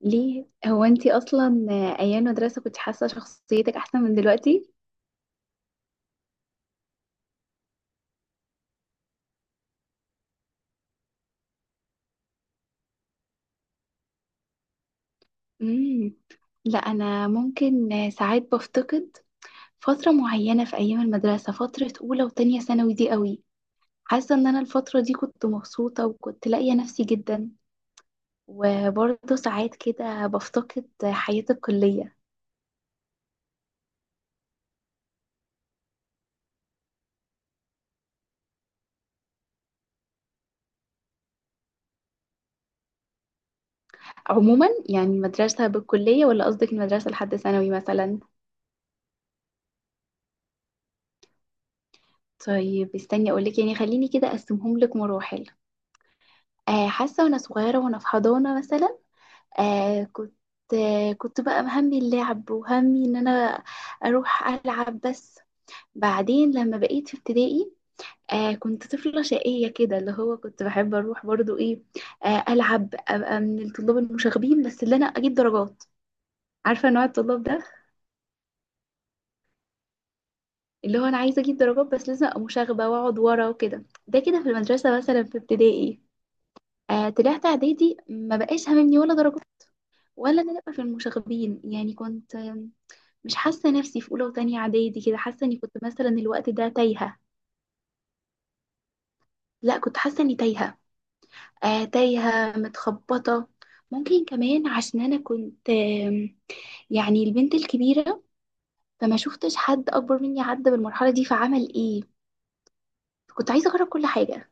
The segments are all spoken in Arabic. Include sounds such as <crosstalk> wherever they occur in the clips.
ليه هو انتي اصلا ايام المدرسه كنت حاسه شخصيتك احسن من دلوقتي؟ امم. لا انا ممكن ساعات بفتقد فتره معينه في ايام المدرسه، فتره اولى وتانية ثانوي دي قوي. حاسه ان انا الفتره دي كنت مبسوطه وكنت لاقيه نفسي جدا، وبرضه ساعات كده بفتقد حياه الكليه. عموما يعني مدرسه بالكليه ولا قصدك المدرسه لحد ثانوي مثلا؟ طيب استني اقولك، يعني خليني كده اقسمهم لك مراحل. حاسة وأنا صغيرة وأنا في حضانة مثلا، آه كنت كنت بقى همي اللعب وهمي إن أنا أروح ألعب بس. بعدين لما بقيت في ابتدائي، كنت طفلة شقية كده، اللي هو كنت بحب أروح برضو إيه، ألعب أبقى من الطلاب المشاغبين بس اللي أنا أجيب درجات. عارفة نوع الطلاب ده؟ اللي هو أنا عايزة أجيب درجات بس لازم أبقى مشاغبة وأقعد ورا وكده، ده كده في المدرسة مثلا في ابتدائي. طلعت إعدادي ما بقاش هاممني ولا درجات ولا انا ابقى في المشاغبين، يعني مش حاسه نفسي في اولى وتانية اعدادي كده، حاسه اني كنت مثلا الوقت ده تايهه. لا كنت حاسه اني تايهه، تايهه متخبطه. ممكن كمان عشان انا كنت يعني البنت الكبيره، فما شفتش حد اكبر مني عدى بالمرحله دي، فعمل ايه؟ كنت عايزه اجرب كل حاجه.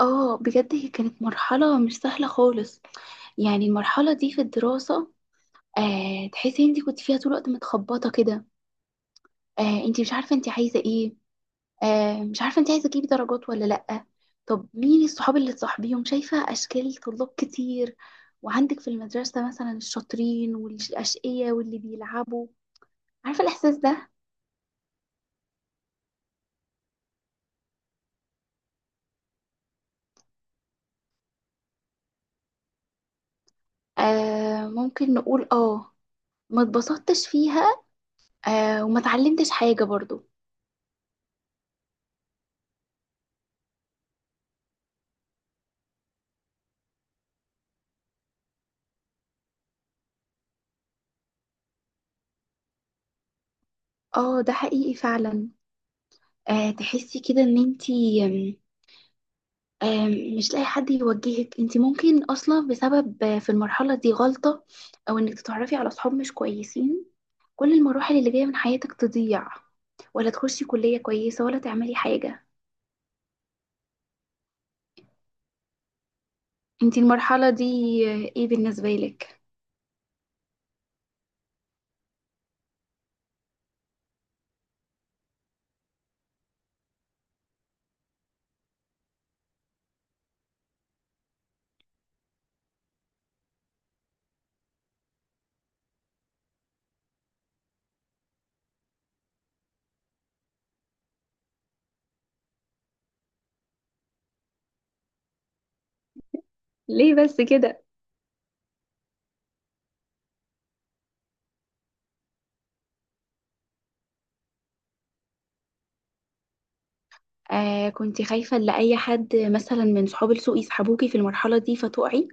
اه بجد هي كانت مرحله مش سهله خالص، يعني المرحله دي في الدراسه، تحسي انت كنت فيها طول الوقت متخبطه كده، انت مش عارفه انت عايزه ايه، مش عارفة انت عايزة تجيبي درجات ولا لأ. طب مين الصحاب اللي تصاحبيهم؟ شايفة أشكال طلاب كتير وعندك في المدرسة مثلا الشاطرين والأشقية واللي بيلعبوا. عارفة الإحساس ده؟ ممكن نقول اه، ما اتبسطتش فيها، وما اتعلمتش حاجة برضو. اه ده حقيقي فعلا، تحسي كده ان انتي مش لاقي حد يوجهك، انت ممكن اصلا بسبب في المرحله دي غلطه او انك تتعرفي على اصحاب مش كويسين، كل المراحل اللي جايه من حياتك تضيع، ولا تخشي كليه كويسه ولا تعملي حاجه. انت المرحله دي ايه بالنسبه لك؟ ليه بس كده؟ كنت خايفه ان اي حد مثلا من صحاب السوق يسحبوكي في المرحله دي فتقعي.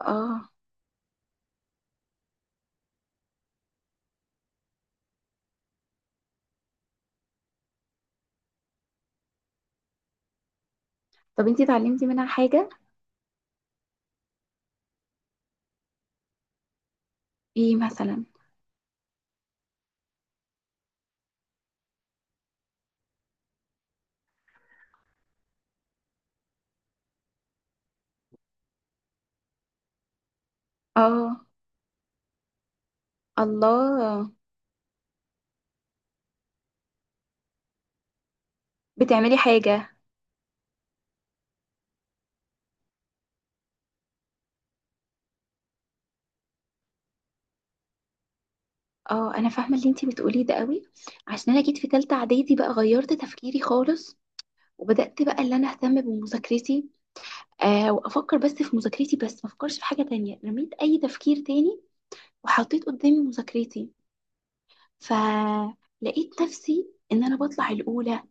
اه، طب انت اتعلمتي منها حاجه؟ ايه مثلا؟ اه. الله. بتعملي حاجه؟ اه انا فاهمه اللي انتي بتقوليه ده قوي، عشان انا جيت في تالتة اعدادي بقى غيرت تفكيري خالص، وبدات بقى اللي انا اهتم بمذاكرتي، وافكر بس في مذاكرتي، بس ما افكرش في حاجه تانية، رميت اي تفكير تاني وحطيت قدامي مذاكرتي. فلقيت نفسي ان انا بطلع الاولى،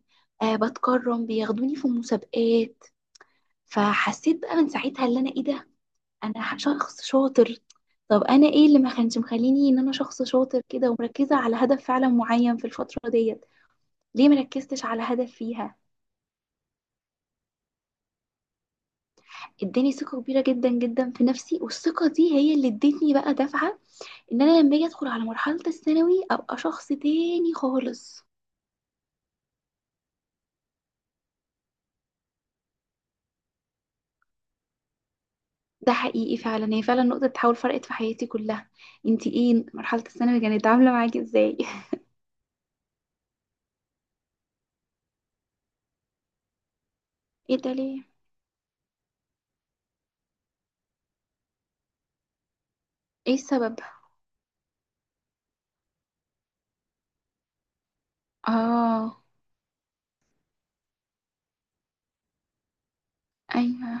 بتكرم بياخدوني في المسابقات. فحسيت بقى من ساعتها اللي انا ايه ده، انا شخص شاطر. طب انا ايه اللي ما كانش مخليني ان انا شخص شاطر كده ومركزه على هدف فعلا معين في الفتره ديت؟ ليه مركزتش على هدف فيها؟ اداني ثقة كبيرة جدا جدا في نفسي، والثقة دي هي اللي ادتني بقى دفعة، ان انا لما اجي ادخل على مرحلة الثانوي ابقى شخص تاني خالص. ده حقيقي فعلا، هي فعلا نقطة تحول فرقت في حياتي كلها. انتي ايه مرحلة الثانوي كانت عاملة معاكي ازاي؟ <laughs> ايه ده ليه؟ ايه السبب؟ اه، ايوه،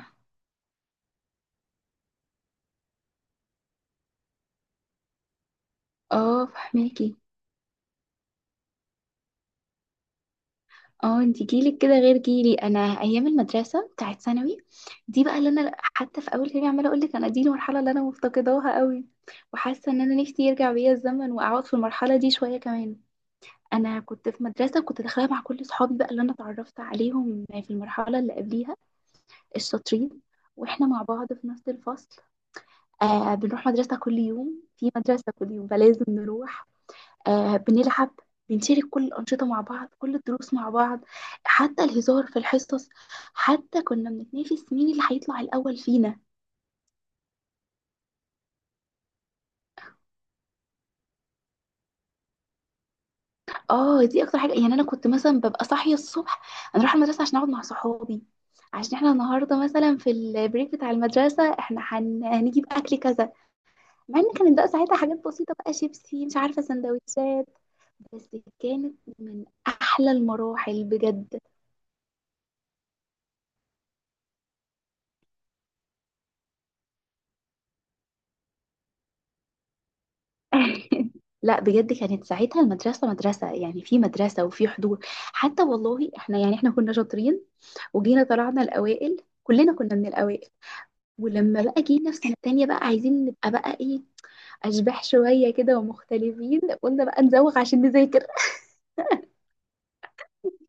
اه فهماكي، اه. انتي جيلك كده غير جيلي، انا ايام المدرسة بتاعت ثانوي دي بقى اللي انا، حتى في اول كلامي عماله اقول لك انا دي المرحله اللي انا مفتقداها قوي، وحاسه ان انا نفسي يرجع بيا الزمن واقعد في المرحله دي شويه كمان. انا كنت في مدرسه كنت داخلها مع كل صحابي بقى، اللي انا اتعرفت عليهم في المرحله اللي قبليها، الشاطرين، واحنا مع بعض في نفس الفصل، بنروح مدرسه كل يوم، في مدرسه كل يوم فلازم نروح، بنلعب، بنشارك كل الأنشطة مع بعض، كل الدروس مع بعض، حتى الهزار في الحصص، حتى كنا بنتنافس مين اللي هيطلع الأول فينا. اه دي اكتر حاجه، يعني انا كنت مثلا ببقى صاحيه الصبح، انا اروح المدرسه عشان اقعد مع صحابي، عشان احنا النهارده مثلا في البريك بتاع المدرسه احنا هنجيب اكل كذا. مع ان كانت بقى ساعتها حاجات بسيطه بقى، شيبسي مش عارفه سندوتشات، بس كانت من احلى المراحل بجد. <laughs> لا بجد، كانت ساعتها المدرسه مدرسه، يعني في مدرسه وفي حضور، حتى والله احنا يعني احنا كنا شاطرين، وجينا طلعنا الاوائل كلنا كنا من الاوائل. ولما بقى جينا في سنة تانية بقى عايزين نبقى بقى ايه، أشباح شوية كده ومختلفين، قلنا بقى نزوغ عشان نذاكر <laughs>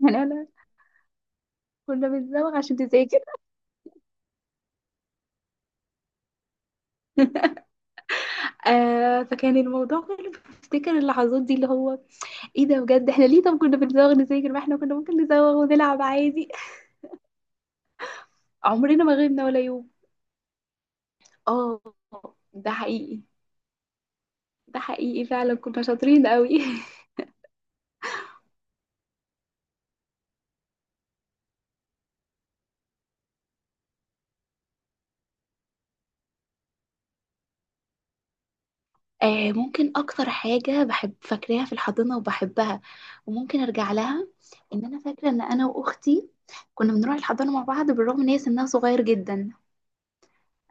يعني أنا كنا بنزوغ عشان نذاكر، فكان الموضوع كله بفتكر اللحظات دي اللي هو ايه ده، بجد احنا ليه؟ طب كنا بنزوغ نذاكر، ما احنا كنا ممكن نزوغ ونلعب عادي. عمرنا ما غبنا ولا يوم. اه ده حقيقي، ده حقيقي فعلا كنا شاطرين قوي <laughs> ممكن اكتر حاجه بحب فاكراها في الحضانه وبحبها، وممكن ارجع لها، ان انا فاكره ان انا واختي كنا بنروح الحضانه مع بعض، بالرغم ان هي سنها صغير جدا،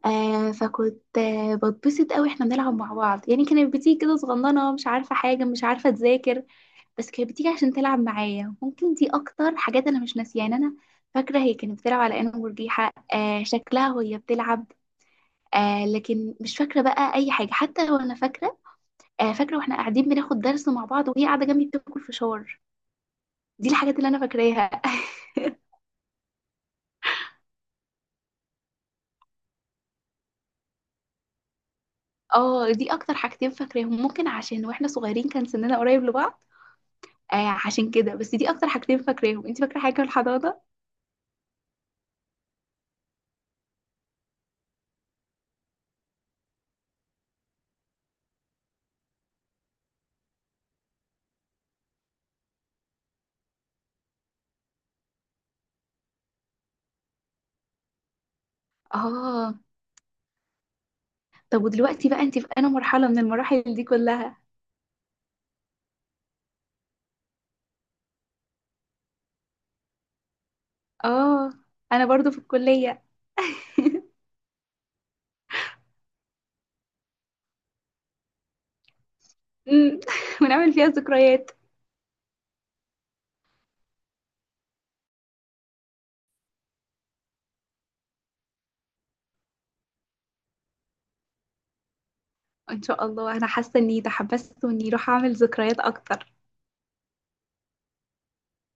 فكنت بتبسط قوي، احنا بنلعب مع بعض، يعني كانت بتيجي كده صغننه، مش عارفه حاجه، مش عارفه تذاكر، بس كانت بتيجي عشان تلعب معايا، ممكن دي اكتر حاجات انا مش ناسيها يعني. انا فاكره هي كانت بتلعب على انه مرجيحه، شكلها وهي بتلعب، لكن مش فاكره بقى اي حاجه، حتى وانا فاكره واحنا قاعدين بناخد درس مع بعض وهي قاعده جنبي بتاكل فشار. دي الحاجات اللي انا فاكراها. <laughs> اه دي اكتر حاجتين فاكراهم، ممكن عشان واحنا صغيرين كان سننا قريب لبعض، عشان كده بس دي اكتر حاجتين فاكراهم، انت فاكره حاجه في الحضانه؟ اه، طب ودلوقتي بقى انت في انا مرحله من المراحل دي كلها؟ اه انا برضو في الكليه. أمم. بنعمل <laughs> فيها ذكريات، ان شاء الله انا حاسه اني تحمست واني راح اعمل ذكريات اكتر.